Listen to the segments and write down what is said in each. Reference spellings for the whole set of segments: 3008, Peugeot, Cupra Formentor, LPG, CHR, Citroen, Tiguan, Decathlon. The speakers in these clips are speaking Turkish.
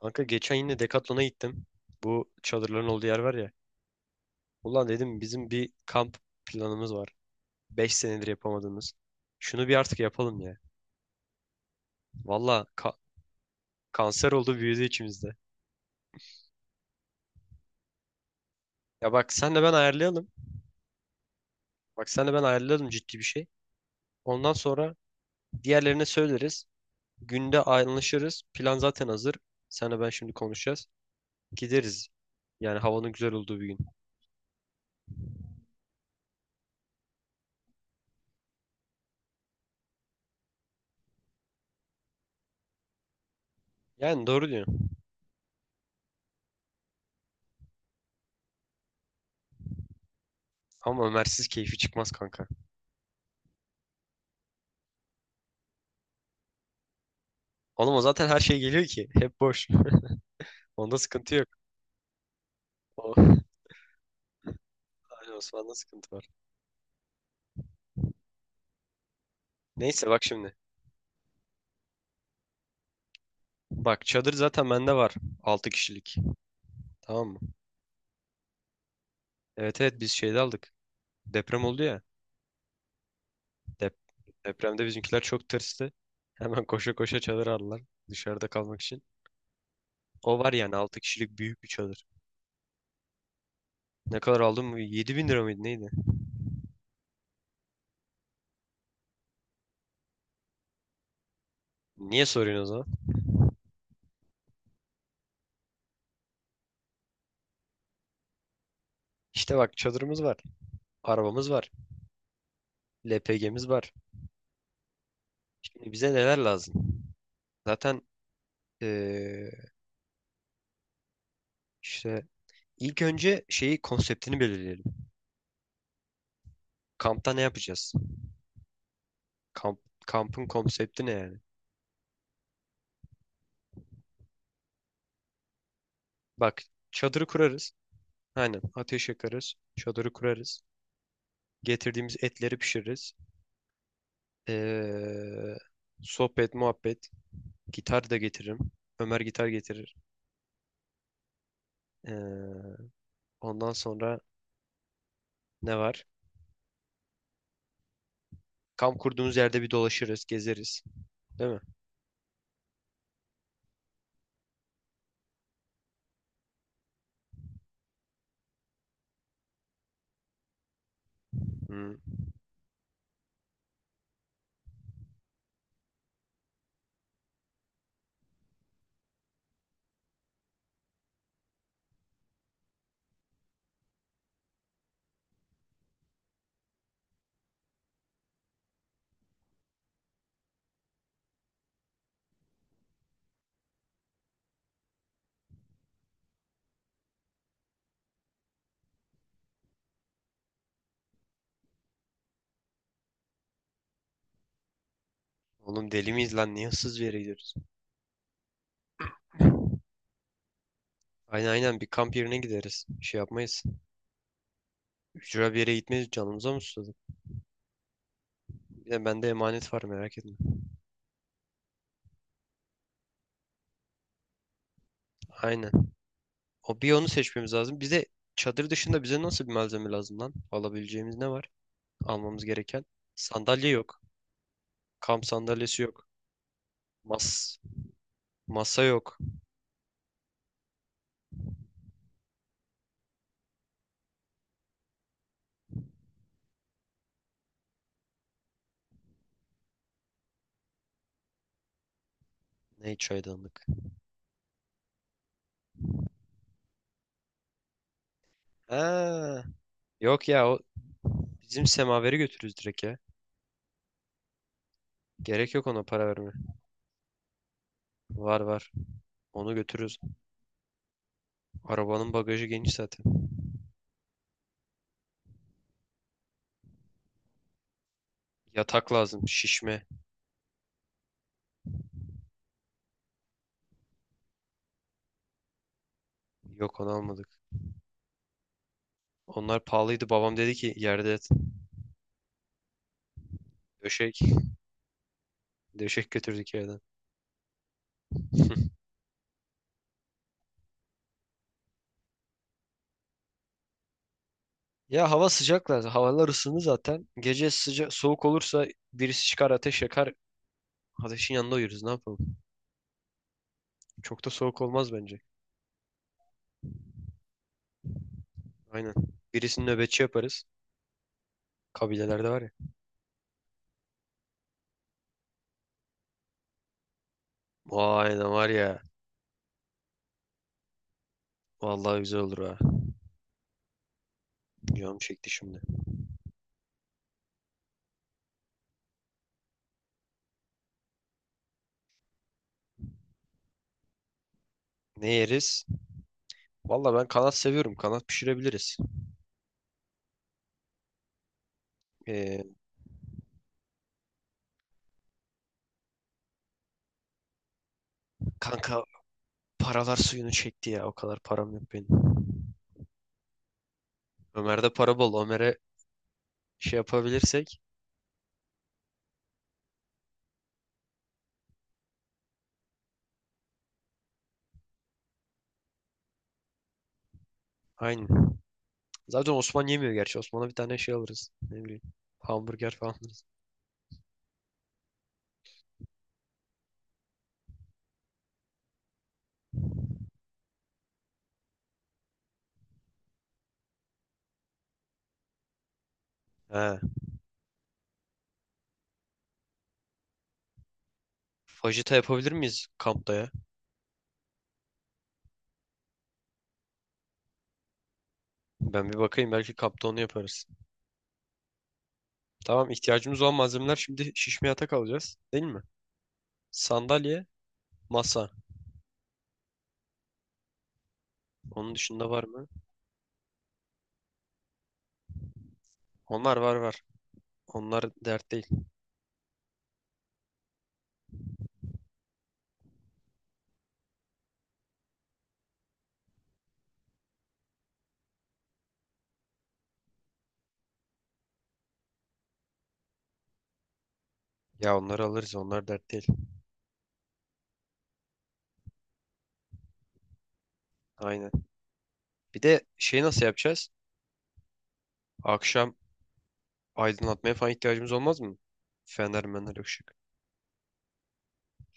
Kanka geçen yine Decathlon'a gittim. Bu çadırların olduğu yer var ya. Ulan dedim bizim bir kamp planımız var. 5 senedir yapamadığımız. Şunu bir artık yapalım ya. Valla ka- kanser oldu büyüdü içimizde. Ya bak senle ben ayarlayalım. Bak senle ben ayarlayalım ciddi bir şey. Ondan sonra diğerlerine söyleriz. Günde anlaşırız. Plan zaten hazır. Senle ben şimdi konuşacağız. Gideriz. Yani havanın güzel olduğu bir gün. Yani doğru diyorsun. Ama Ömer'siz keyfi çıkmaz kanka. Oğlum o zaten her şey geliyor ki. Hep boş. Onda sıkıntı yok. O, Aynen Osman'da sıkıntı var. Neyse bak şimdi. Bak çadır zaten bende var. 6 kişilik. Tamam mı? Evet evet biz şeyde aldık. Deprem oldu ya. Dep depremde bizimkiler çok tırstı. Hemen koşa koşa çadır aldılar. Dışarıda kalmak için. O var yani 6 kişilik büyük bir çadır. Ne kadar aldın mı? 7.000 lira mıydı neydi? Niye soruyorsun o zaman? İşte bak çadırımız var. Arabamız var. LPG'miz var. Şimdi bize neler lazım? Zaten eee, işte ilk önce şeyi konseptini belirleyelim. Kampta ne yapacağız? Kamp, kampın konsepti ne yani? Bak çadırı kurarız. Aynen ateş yakarız. Çadırı kurarız. Getirdiğimiz etleri pişiririz. Ee, sohbet, muhabbet. Gitar da getiririm. Ömer gitar getirir. Ee, ondan sonra ne var? Kamp kurduğumuz yerde bir dolaşırız, gezeriz. Değil mi? Hı. Oğlum deli miyiz lan? Niye hırsız bir yere gidiyoruz? Aynen aynen bir kamp yerine gideriz. Şey yapmayız. Ücra bir yere gitmeyiz. Canımıza mı susadık? Bir de bende emanet var merak etme. Aynen. O bir onu seçmemiz lazım. Bize çadır dışında nasıl bir malzeme lazım lan? Alabileceğimiz ne var? Almamız gereken. Sandalye yok. Kamp sandalyesi yok. Mas masa yok. Ne çaydanlık? Ha, yok ya o bizim semaveri götürürüz direkt ya. Gerek yok ona para verme. Var var. Onu götürürüz. Arabanın bagajı geniş zaten. Yatak lazım. Şişme. Yok onu almadık. Onlar pahalıydı. Babam dedi ki yerde yat. Döşek. Döşek götürdük yerden. Ya hava sıcak lazım. Havalar ısındı zaten. Gece sıcak soğuk olursa birisi çıkar ateş yakar. Ateşin yanında uyuruz ne yapalım. Çok da soğuk olmaz bence. Aynen. Birisini nöbetçi yaparız. Kabilelerde var ya. Vay ne var ya. Vallahi güzel olur ha. Canım çekti şimdi. Ne yeriz? Valla ben kanat seviyorum. Kanat pişirebiliriz. Ee, kanka paralar suyunu çekti ya. O kadar param yok benim. Ömer'de para bol. Ömer'e şey yapabilirsek. Aynen. Zaten Osman yemiyor gerçi. Osman'a bir tane şey alırız. Ne bileyim. Hamburger falan alırız. He. Fajita yapabilir miyiz kampta ya? Ben bir bakayım. Belki kampta onu yaparız. Tamam ihtiyacımız olan malzemeler şimdi şişme yatak alacağız. Değil mi? Sandalye, masa. Onun dışında var mı? Onlar var var. Onlar dert değil. Ya onları alırız. Onlar dert değil. Aynen. Bir de şeyi nasıl yapacağız? Akşam aydınlatmaya falan ihtiyacımız olmaz mı? Fener mener ışık.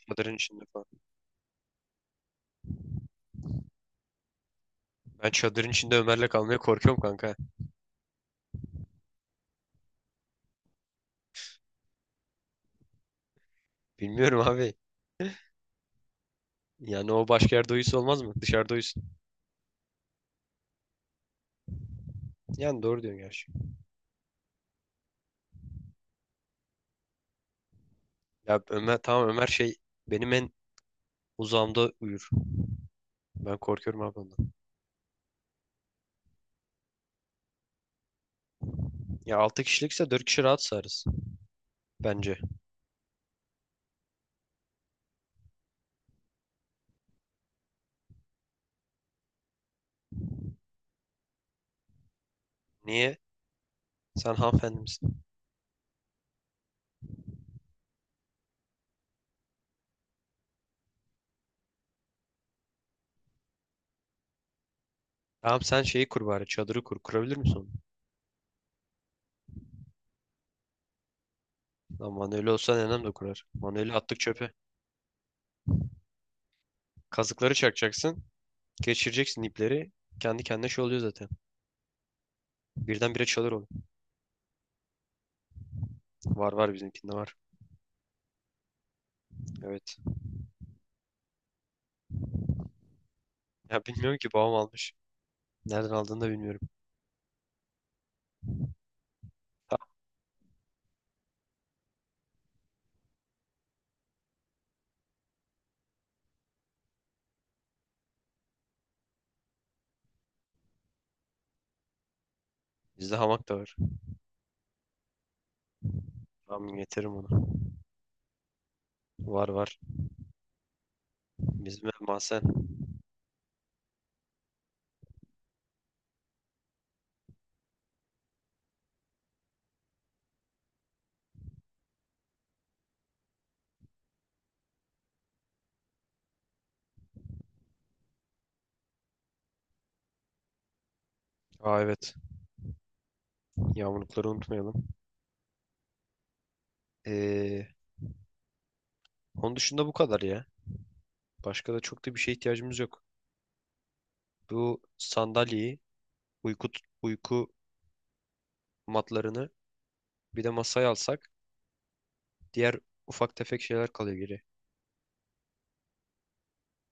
Çadırın içinde falan. Ben çadırın içinde Ömer'le kalmaya korkuyorum kanka. Bilmiyorum abi. Yani o başka yerde uyusun olmaz mı? Dışarıda uyusun. Yani doğru diyorsun gerçi. Ya Ömer, tamam, Ömer benim en uzağımda uyur. Ben korkuyorum abi ondan. Ya 6 kişilikse 4 kişi rahat sığarız. Bence. Niye? Sen hanımefendi misin? Tamam sen şeyi kur bari çadırı kur. Kurabilir misin onu? Lan manueli olsa nenem de kurar. Manueli attık çöpe. Kazıkları çakacaksın. Geçireceksin ipleri. Kendi kendine şey oluyor zaten. Birdenbire çadır oluyor. Var var bizimkinde var. Evet. Ya bilmiyorum ki babam almış. Nereden aldığını da bilmiyorum. Bizde hamak da var. Tamam getiririm onu. Var var. Bizim ev mahzen. Aa evet. Yağmurlukları unutmayalım. Ee, onun dışında bu kadar ya. Başka da çok da bir şeye ihtiyacımız yok. Bu sandalyeyi, uyku, uyku matlarını bir de masayı alsak diğer ufak tefek şeyler kalıyor geriye.